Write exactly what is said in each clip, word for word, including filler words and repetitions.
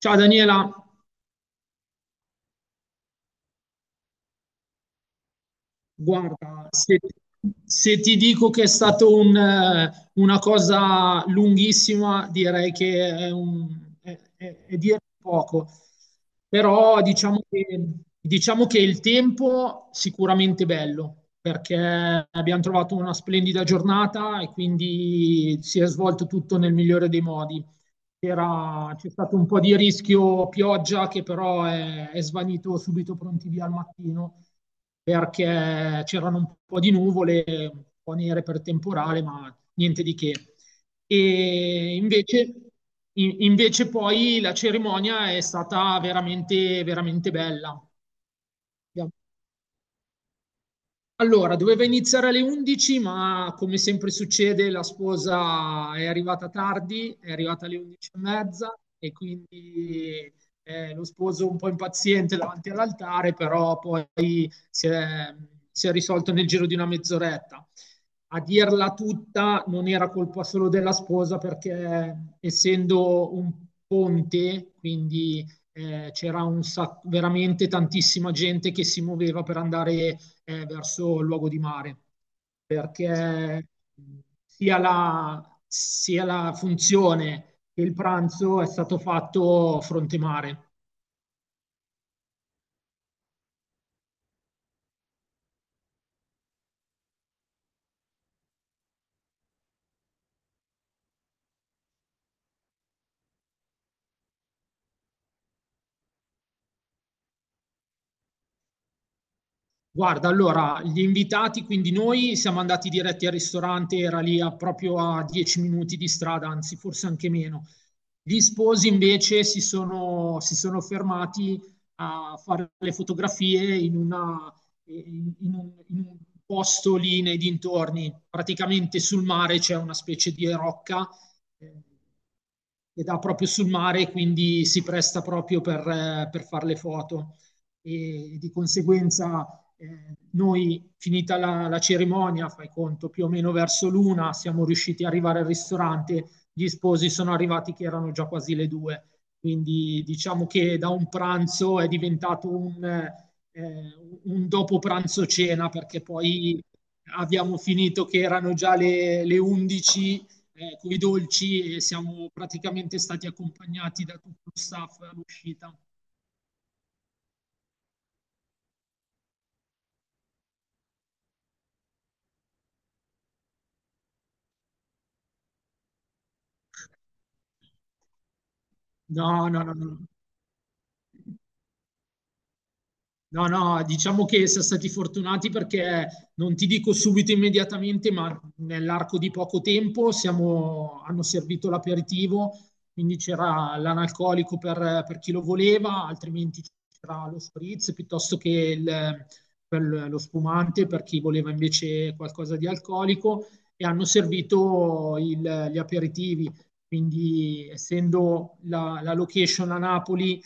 Ciao Daniela, guarda, se, se ti dico che è stata un, eh, una cosa lunghissima, direi che è, un, è, è- è dire poco. Però diciamo che, diciamo che il tempo sicuramente bello, perché abbiamo trovato una splendida giornata e quindi si è svolto tutto nel migliore dei modi. C'era- c'è stato un po' di rischio pioggia che però è, è svanito subito pronti via al mattino perché c'erano un po' di nuvole, un po' nere per temporale, ma niente di che. E invece, in- invece poi la cerimonia è stata veramente, veramente bella. Allora, doveva iniziare alle undici, ma come sempre succede, la sposa è arrivata tardi, è arrivata alle undici e mezza e quindi eh, lo sposo un po' impaziente davanti all'altare, però poi si è, si è risolto nel giro di una mezz'oretta. A dirla tutta non era colpa solo della sposa perché essendo un ponte, quindi eh, c'era un sac- veramente tantissima gente che si muoveva per andare eh, verso il luogo di mare, perché sia la, sia la funzione che il pranzo è stato fatto fronte mare. Guarda, allora, gli invitati, quindi noi siamo andati diretti al ristorante, era lì a- proprio a dieci minuti di strada, anzi forse anche meno. Gli sposi invece si sono, si sono fermati a fare le fotografie in una- in- in un, in un posto lì nei dintorni. Praticamente sul mare c'è una specie di rocca eh, che dà proprio sul mare, quindi si presta proprio per, eh, per fare le foto. E di conseguenza eh, noi, finita la, la, cerimonia, fai conto, più o meno verso l'una, siamo riusciti ad arrivare al ristorante, gli sposi sono arrivati che erano già quasi le due. Quindi diciamo che da un pranzo è diventato un, eh, un dopo pranzo cena, perché poi abbiamo finito che erano già le, le undici eh, con i dolci e siamo praticamente stati accompagnati da tutto lo staff all'uscita. No, no, no, no, no. No, no, diciamo che siamo stati fortunati perché non ti dico subito immediatamente, ma nell'arco di poco tempo siamo- hanno servito l'aperitivo, quindi c'era l'analcolico per, per chi lo voleva, altrimenti c'era lo spritz piuttosto che il- per lo spumante per chi voleva invece qualcosa di alcolico e hanno servito il- gli aperitivi. Quindi, essendo la la location a Napoli,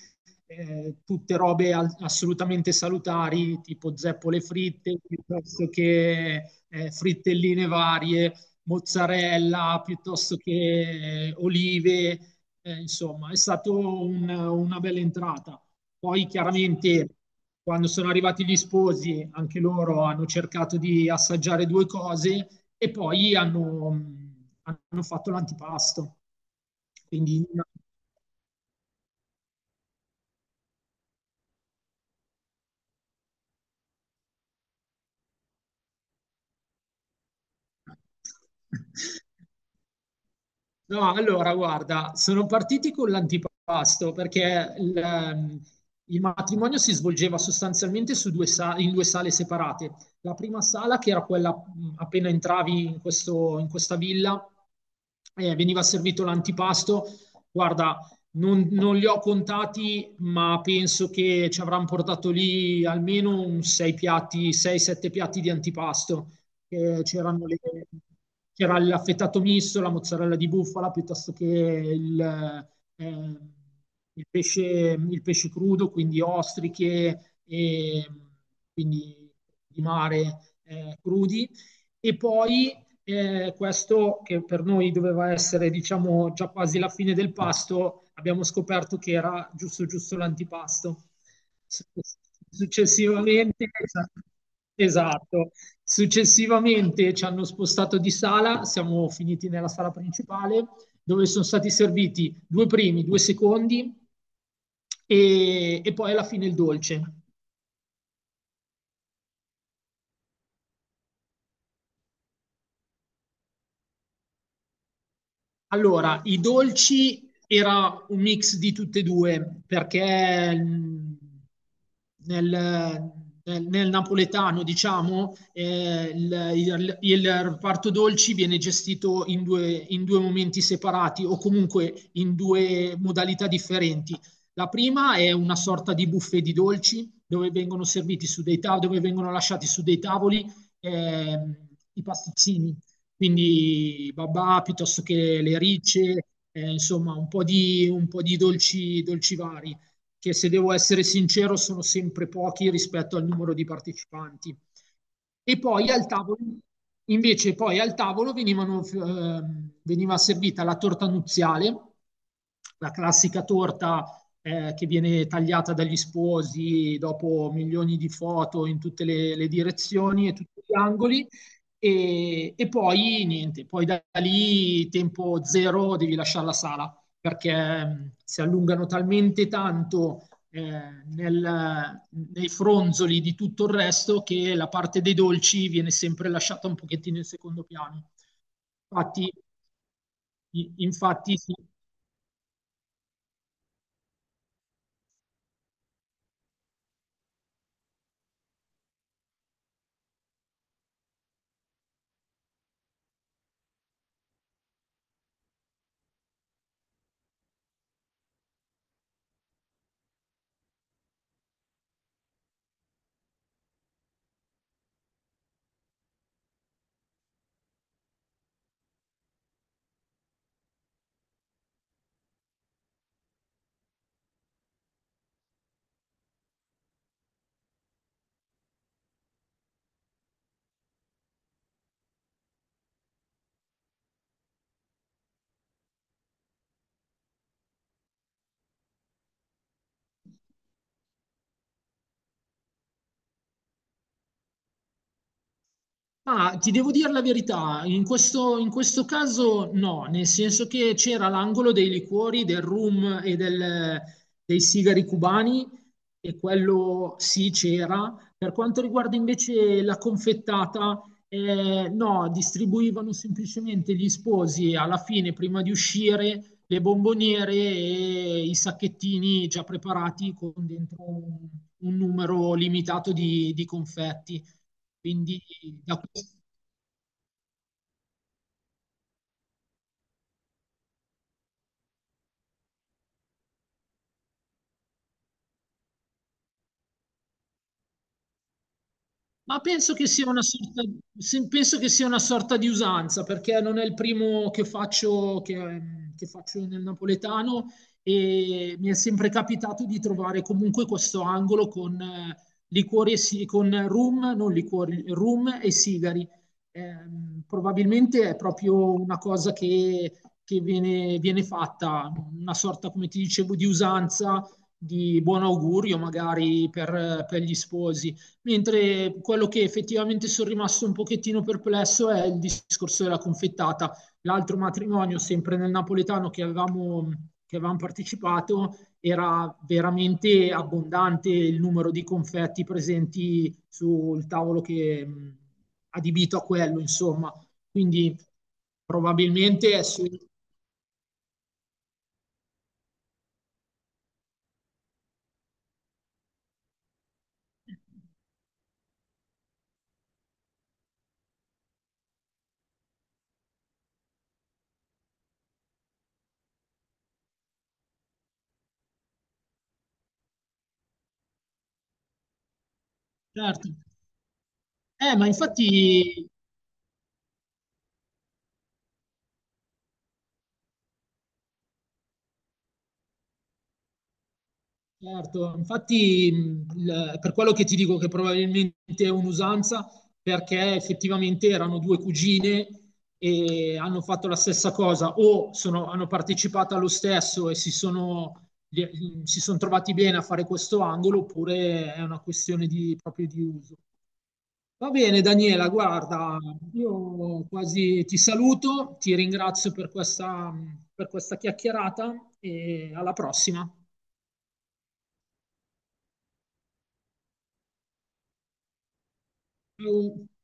eh, tutte robe al- assolutamente salutari, tipo zeppole fritte, piuttosto che eh, frittelline varie, mozzarella, piuttosto che eh, olive, eh, insomma, è stata una bella entrata. Poi chiaramente quando sono arrivati gli sposi, anche loro hanno cercato di assaggiare due cose e poi hanno, hanno fatto l'antipasto. Quindi no, allora, guarda, sono partiti con l'antipasto perché il, ehm, il matrimonio si svolgeva sostanzialmente su due sa- in due sale separate. La prima sala, che era quella mh, appena entravi in questo- in questa villa, eh, veniva servito l'antipasto. Guarda, non, non li ho contati, ma penso che ci avranno portato lì almeno un sei piatti, sei sette piatti di antipasto che c'erano le, c'era l'affettato misto, la mozzarella di bufala, piuttosto che il, eh, il, pesce, il pesce crudo, quindi ostriche, e, quindi di mare eh, crudi. E poi eh, questo che per noi doveva essere diciamo già quasi la fine del pasto, abbiamo scoperto che era giusto giusto l'antipasto. Successivamente, esatto, successivamente ci hanno spostato di sala, siamo finiti nella sala principale dove sono stati serviti due primi, due secondi e, e poi alla fine il dolce. Allora, i dolci era un mix di tutte e due, perché mh, nel, nel- nel napoletano, diciamo, eh, il, il- il reparto dolci viene gestito in due, in due momenti separati o comunque in due modalità differenti. La prima è una sorta di buffet di dolci dove vengono serviti su dei tav- dove vengono lasciati su dei tavoli ehm, i pasticcini quindi babà piuttosto che le ricce, eh, insomma un po' di, un po' di dolci, dolci vari, che se devo essere sincero sono sempre pochi rispetto al numero di partecipanti. E poi al tavolo, invece poi al tavolo venivano, ehm, veniva servita la torta nuziale, la classica torta eh, che viene tagliata dagli sposi dopo milioni di foto in tutte le, le direzioni e tutti gli angoli. E, e poi niente, poi da lì tempo zero devi lasciare la sala perché mh, si allungano talmente tanto eh, nel- nei fronzoli di tutto il resto che la parte dei dolci viene sempre lasciata un pochettino in secondo piano. Infatti, i- infatti sì. Ma ti devo dire la verità, in questo, in questo caso no, nel senso che c'era l'angolo dei liquori, del rum e del- dei sigari cubani, e quello sì c'era. Per quanto riguarda invece la confettata, eh, no, distribuivano semplicemente gli sposi alla fine, prima di uscire, le bomboniere e i sacchettini già preparati con dentro un, un numero limitato di, di confetti. Quindi da questo... Ma penso che sia una sorta, se- penso che sia una sorta di usanza, perché non è il primo che faccio, che, che faccio nel napoletano e mi è sempre capitato di trovare comunque questo angolo con eh, liquori e si- con rum, non liquori, rum e sigari. Ehm, probabilmente è proprio una cosa che, che viene, viene fatta, una sorta, come ti dicevo, di usanza, di buon augurio magari per per gli sposi. Mentre quello che effettivamente sono rimasto un pochettino perplesso è il discorso della confettata. L'altro matrimonio, sempre nel napoletano che avevamo, che avevamo partecipato, era veramente abbondante il numero di confetti presenti sul tavolo che mh, adibito a quello, insomma. Quindi probabilmente è su... Certo. Eh, ma infatti certo, infatti mh, il- per quello che ti dico che probabilmente è un'usanza, perché effettivamente erano due cugine e hanno fatto la stessa cosa o sono- hanno partecipato allo stesso e si sono, gli- si sono trovati bene a fare questo angolo oppure è una questione di, proprio di uso. Va bene, Daniela, guarda, io quasi ti saluto, ti ringrazio per questa, per questa chiacchierata e alla prossima. Ciao.